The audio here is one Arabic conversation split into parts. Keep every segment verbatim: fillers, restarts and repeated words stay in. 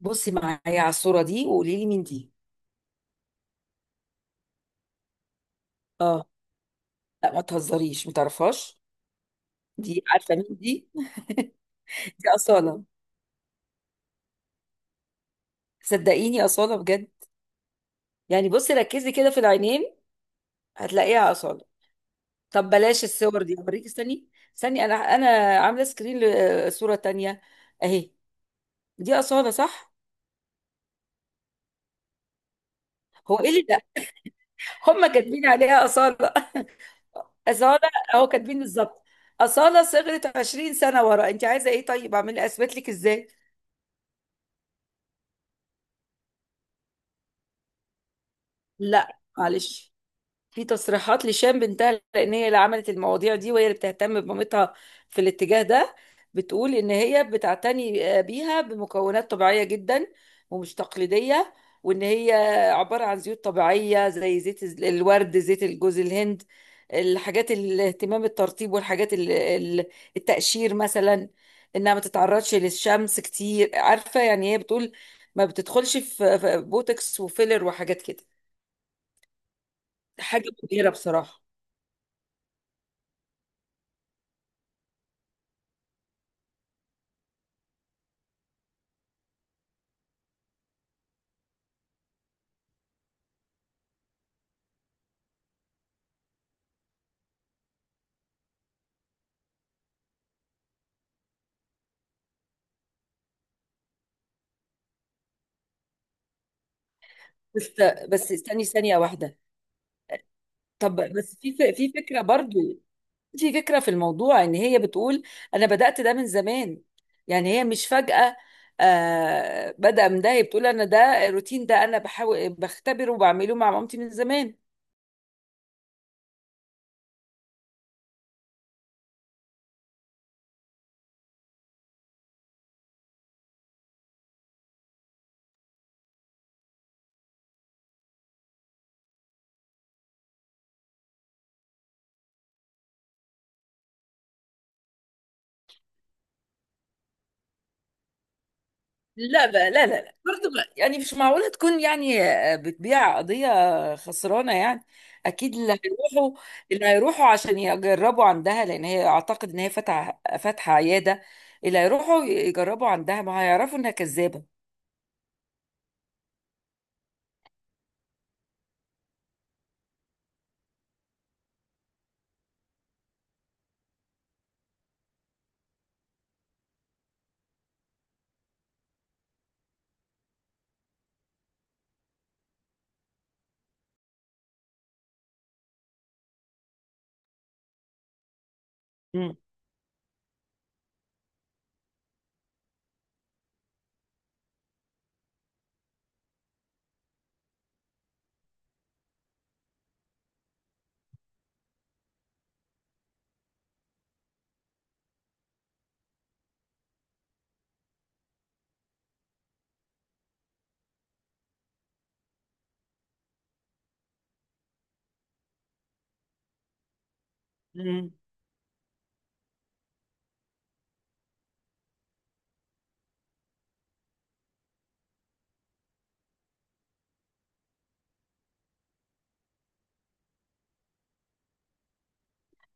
بصي معايا على الصورة دي وقولي لي مين دي. اه، لا ما تهزريش ما تعرفهاش. دي عارفة مين دي؟ دي أصالة. صدقيني أصالة بجد. يعني بصي ركزي كده في العينين، هتلاقيها أصالة. طب بلاش الصور دي، هوريكي استني. استني، أنا أنا عاملة سكرين لصورة تانية. أهي، دي أصالة صح؟ هو إيه اللي ده؟ هما كاتبين عليها أصالة. أصالة، أهو كاتبين بالظبط أصالة. صغرت 20 سنة ورا، أنت عايزة إيه؟ طيب أعمل أثبت لك إزاي؟ لا معلش، في تصريحات لشام بنتها، لان هي اللي عملت المواضيع دي وهي اللي بتهتم بمامتها في الاتجاه ده. بتقول ان هي بتعتني آه، بيها بمكونات طبيعيه جدا، ومش تقليديه، وان هي عباره عن زيوت طبيعيه زي زيت الز- الورد، زيت الجوز الهند. الحاجات، الاهتمام، الترطيب، والحاجات ال- ال- التقشير مثلا، انها ما تتعرضش للشمس كتير. عارفه يعني هي بتقول ما بتدخلش في في بوتوكس وفيلر وحاجات كده. حاجه مبهره بصراحه. بس بس استني ثانية واحدة. طب بس في ف- في فكرة برضو، في فكرة في الموضوع، ان هي بتقول انا بدأت ده من زمان. يعني هي مش فجأة، آه بدأ من ده. هي بتقول انا ده الروتين ده انا بحاول بختبره وبعمله مع مامتي من زمان. لا بقى، لا لا لا برضه بقى، يعني مش معقولة تكون، يعني آه، بتبيع قضية خسرانة يعني. أكيد اللي هيروحوا، اللي هيروحوا عشان يجربوا عندها، لأن هي أعتقد إن هي فاتحة فاتحة عيادة، اللي هيروحوا يجربوا عندها ما هيعرفوا إنها كذابة. مم. مم.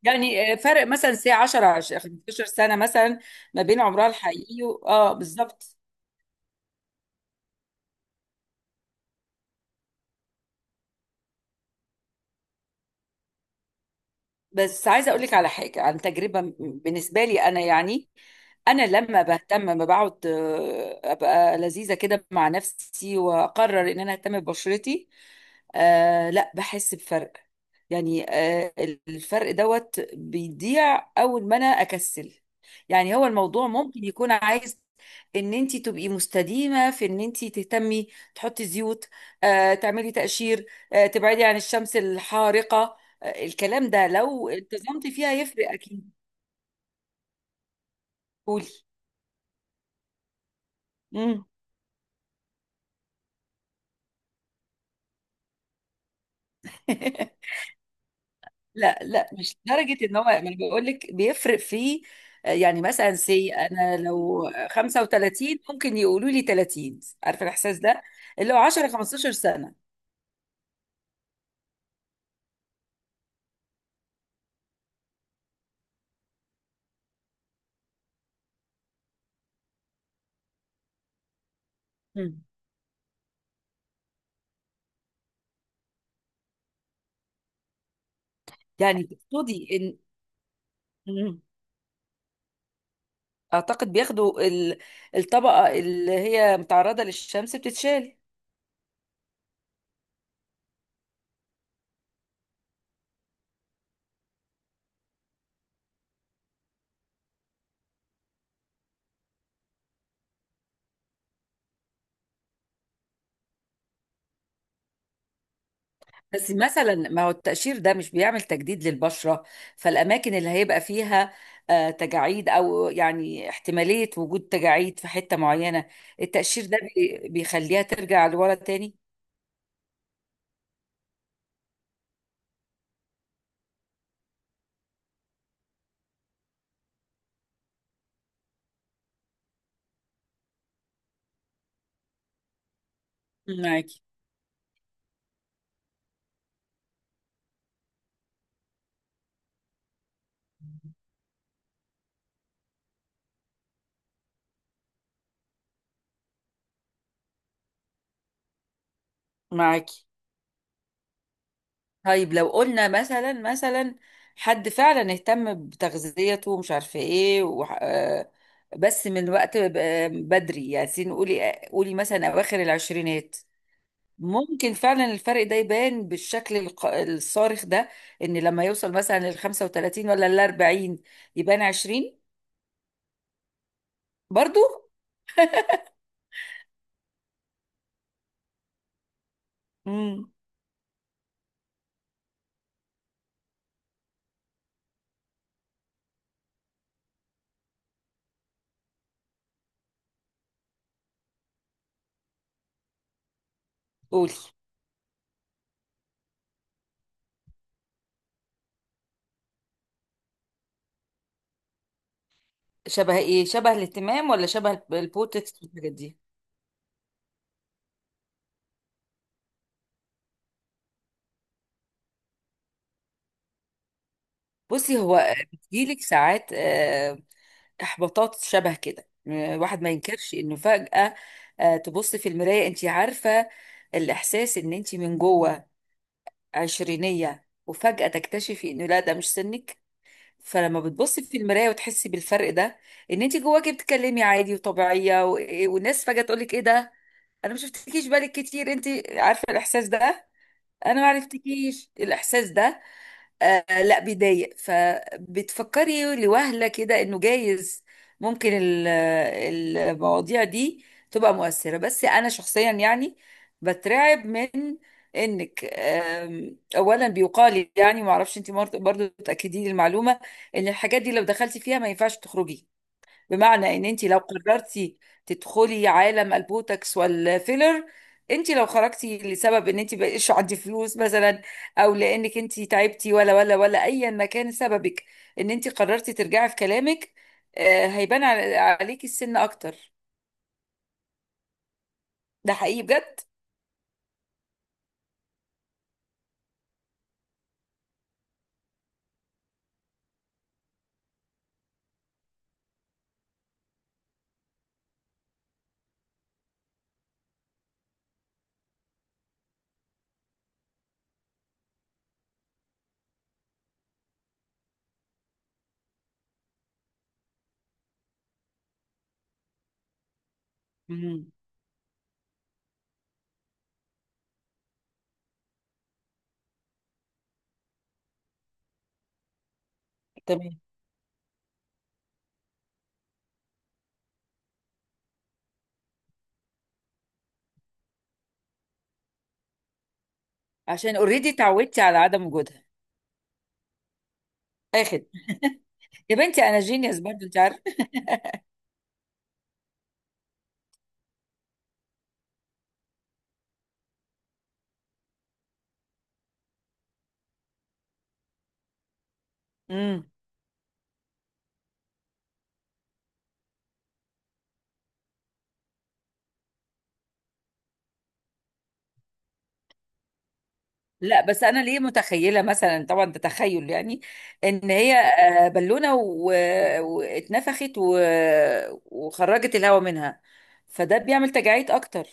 يعني آه، فرق مثلا ساعة عشر 15 سنة مثلا ما بين عمرها الحقيقي و- اه بالظبط. بس عايزه اقول لك على حاجه عن تجربه م- بالنسبه لي انا يعني، انا لما بهتم، لما بقعد آه، ابقى لذيذه كده مع نفسي واقرر ان انا اهتم ببشرتي، آه لا بحس بفرق. يعني آه، الفرق دوت بيضيع اول ما انا اكسل. يعني هو الموضوع ممكن يكون عايز ان انت تبقي مستديمه في ان انت تهتمي، تحطي زيوت، آه تعملي تقشير، آه تبعدي عن الشمس الحارقه. الكلام ده لو التزمتي فيها هيفرق اكيد. قولي. امم. لا لا، مش لدرجه ان هو، ما انا بقول لك بيفرق في، يعني مثلا سي انا لو خمسة وثلاثين ممكن يقولوا لي ثلاثين، عارفه الاحساس ده؟ اللي هو عشرة خمسة عشر سنة سنه. مم. يعني تقصدي ان، مم، اعتقد بياخدوا ال- الطبقه اللي هي متعرضه للشمس بتتشال. بس مثلا ما هو التقشير ده مش بيعمل تجديد للبشرة؟ فالأماكن اللي هيبقى فيها آه، تجاعيد أو يعني احتمالية وجود تجاعيد في حتة معينة، التقشير ده بي- بيخليها ترجع لورا تاني. معاكي. معاكي. طيب لو قلنا مثلا، مثلا حد فعلا اهتم بتغذيته ومش عارفة ايه وح- آه، بس من وقت ب- آه، بدري يعني سين- قولي قولي مثلا أواخر العشرينات، ممكن فعلا الفرق ده يبان بالشكل الق- الصارخ ده، ان لما يوصل مثلا لل خمسة وتلاتين ولا لل أربعين يبان عشرين؟ برضو. امم. قولي. شبه ايه؟ شبه الاهتمام ولا شبه البوتكس والحاجات دي؟ بصي هو بيجيلك ساعات آه، احباطات شبه كده. آه، واحد ما ينكرش انه فجأة آه، تبص في المراية، انت عارفة الاحساس ان انت من جوه عشرينية وفجأة تكتشفي انه لا، ده مش سنك. فلما بتبصي في المرايه وتحسي بالفرق ده، ان انت جواكي بتتكلمي عادي وطبيعيه و... إيه، والناس فجاه تقول لك ايه ده، انا ما شفتكيش، بالك كتير. انت عارفه الاحساس ده؟ انا ما عرفتكيش الاحساس ده. آه لا بيضايق. فبتفكري لوهلة كده انه جايز ممكن ال- المواضيع دي تبقى مؤثرة. بس انا شخصيا يعني بترعب من انك آم، اولا بيقال، يعني ما اعرفش، انت برضو تاكدي لي المعلومه، ان الحاجات دي لو دخلتي فيها ما ينفعش تخرجي. بمعنى ان انت لو قررتي تدخلي عالم البوتوكس والفيلر، انت لو خرجتي لسبب ان انت بقيش عندي فلوس مثلا، او لانك انت تعبتي ولا ولا ولا ايا ما كان سببك، ان انت قررتي ترجعي في كلامك، آه، هيبان على- عليكي السن اكتر. ده حقيقي بجد. مم. تمام، عشان اوريدي اتعودتي على عدم وجودها. اخد. يا بنتي انا جينيوس برضه انت عارفه. مم. لا بس انا ليه متخيله، مثلا طبعا ده تخيل يعني، ان هي آه، بالونه و- واتنفخت و... وخرجت الهواء منها، فده بيعمل تجاعيد اكتر.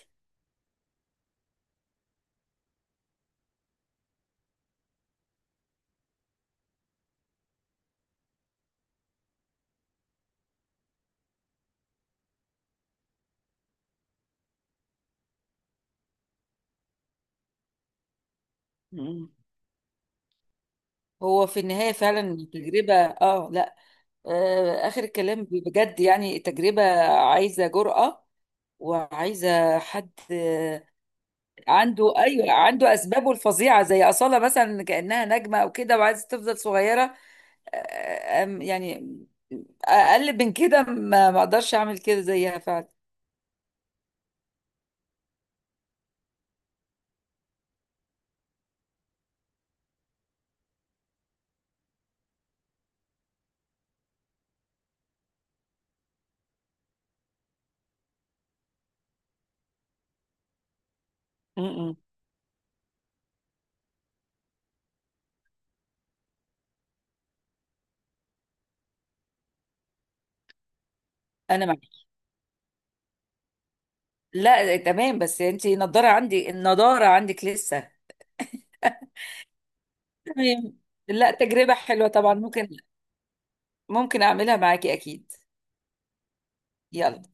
مم. هو في النهايه فعلا تجربه، اه لا. آه اخر الكلام بجد، يعني تجربه عايزه جرأة، وعايزه حد آه، عنده، ايوه عنده اسبابه الفظيعه زي اصاله مثلا كانها نجمه او كده وعايزه تفضل صغيره. أم- يعني اقل من كده، ما ما اقدرش اعمل كده زيها فعلا. م- م. انا معك. لا تمام، بس انت النضاره عندي، النضاره عندك لسه. تمام. لا تجربه حلوه طبعا، ممكن، ممكن اعملها معاكي اكيد. يلا.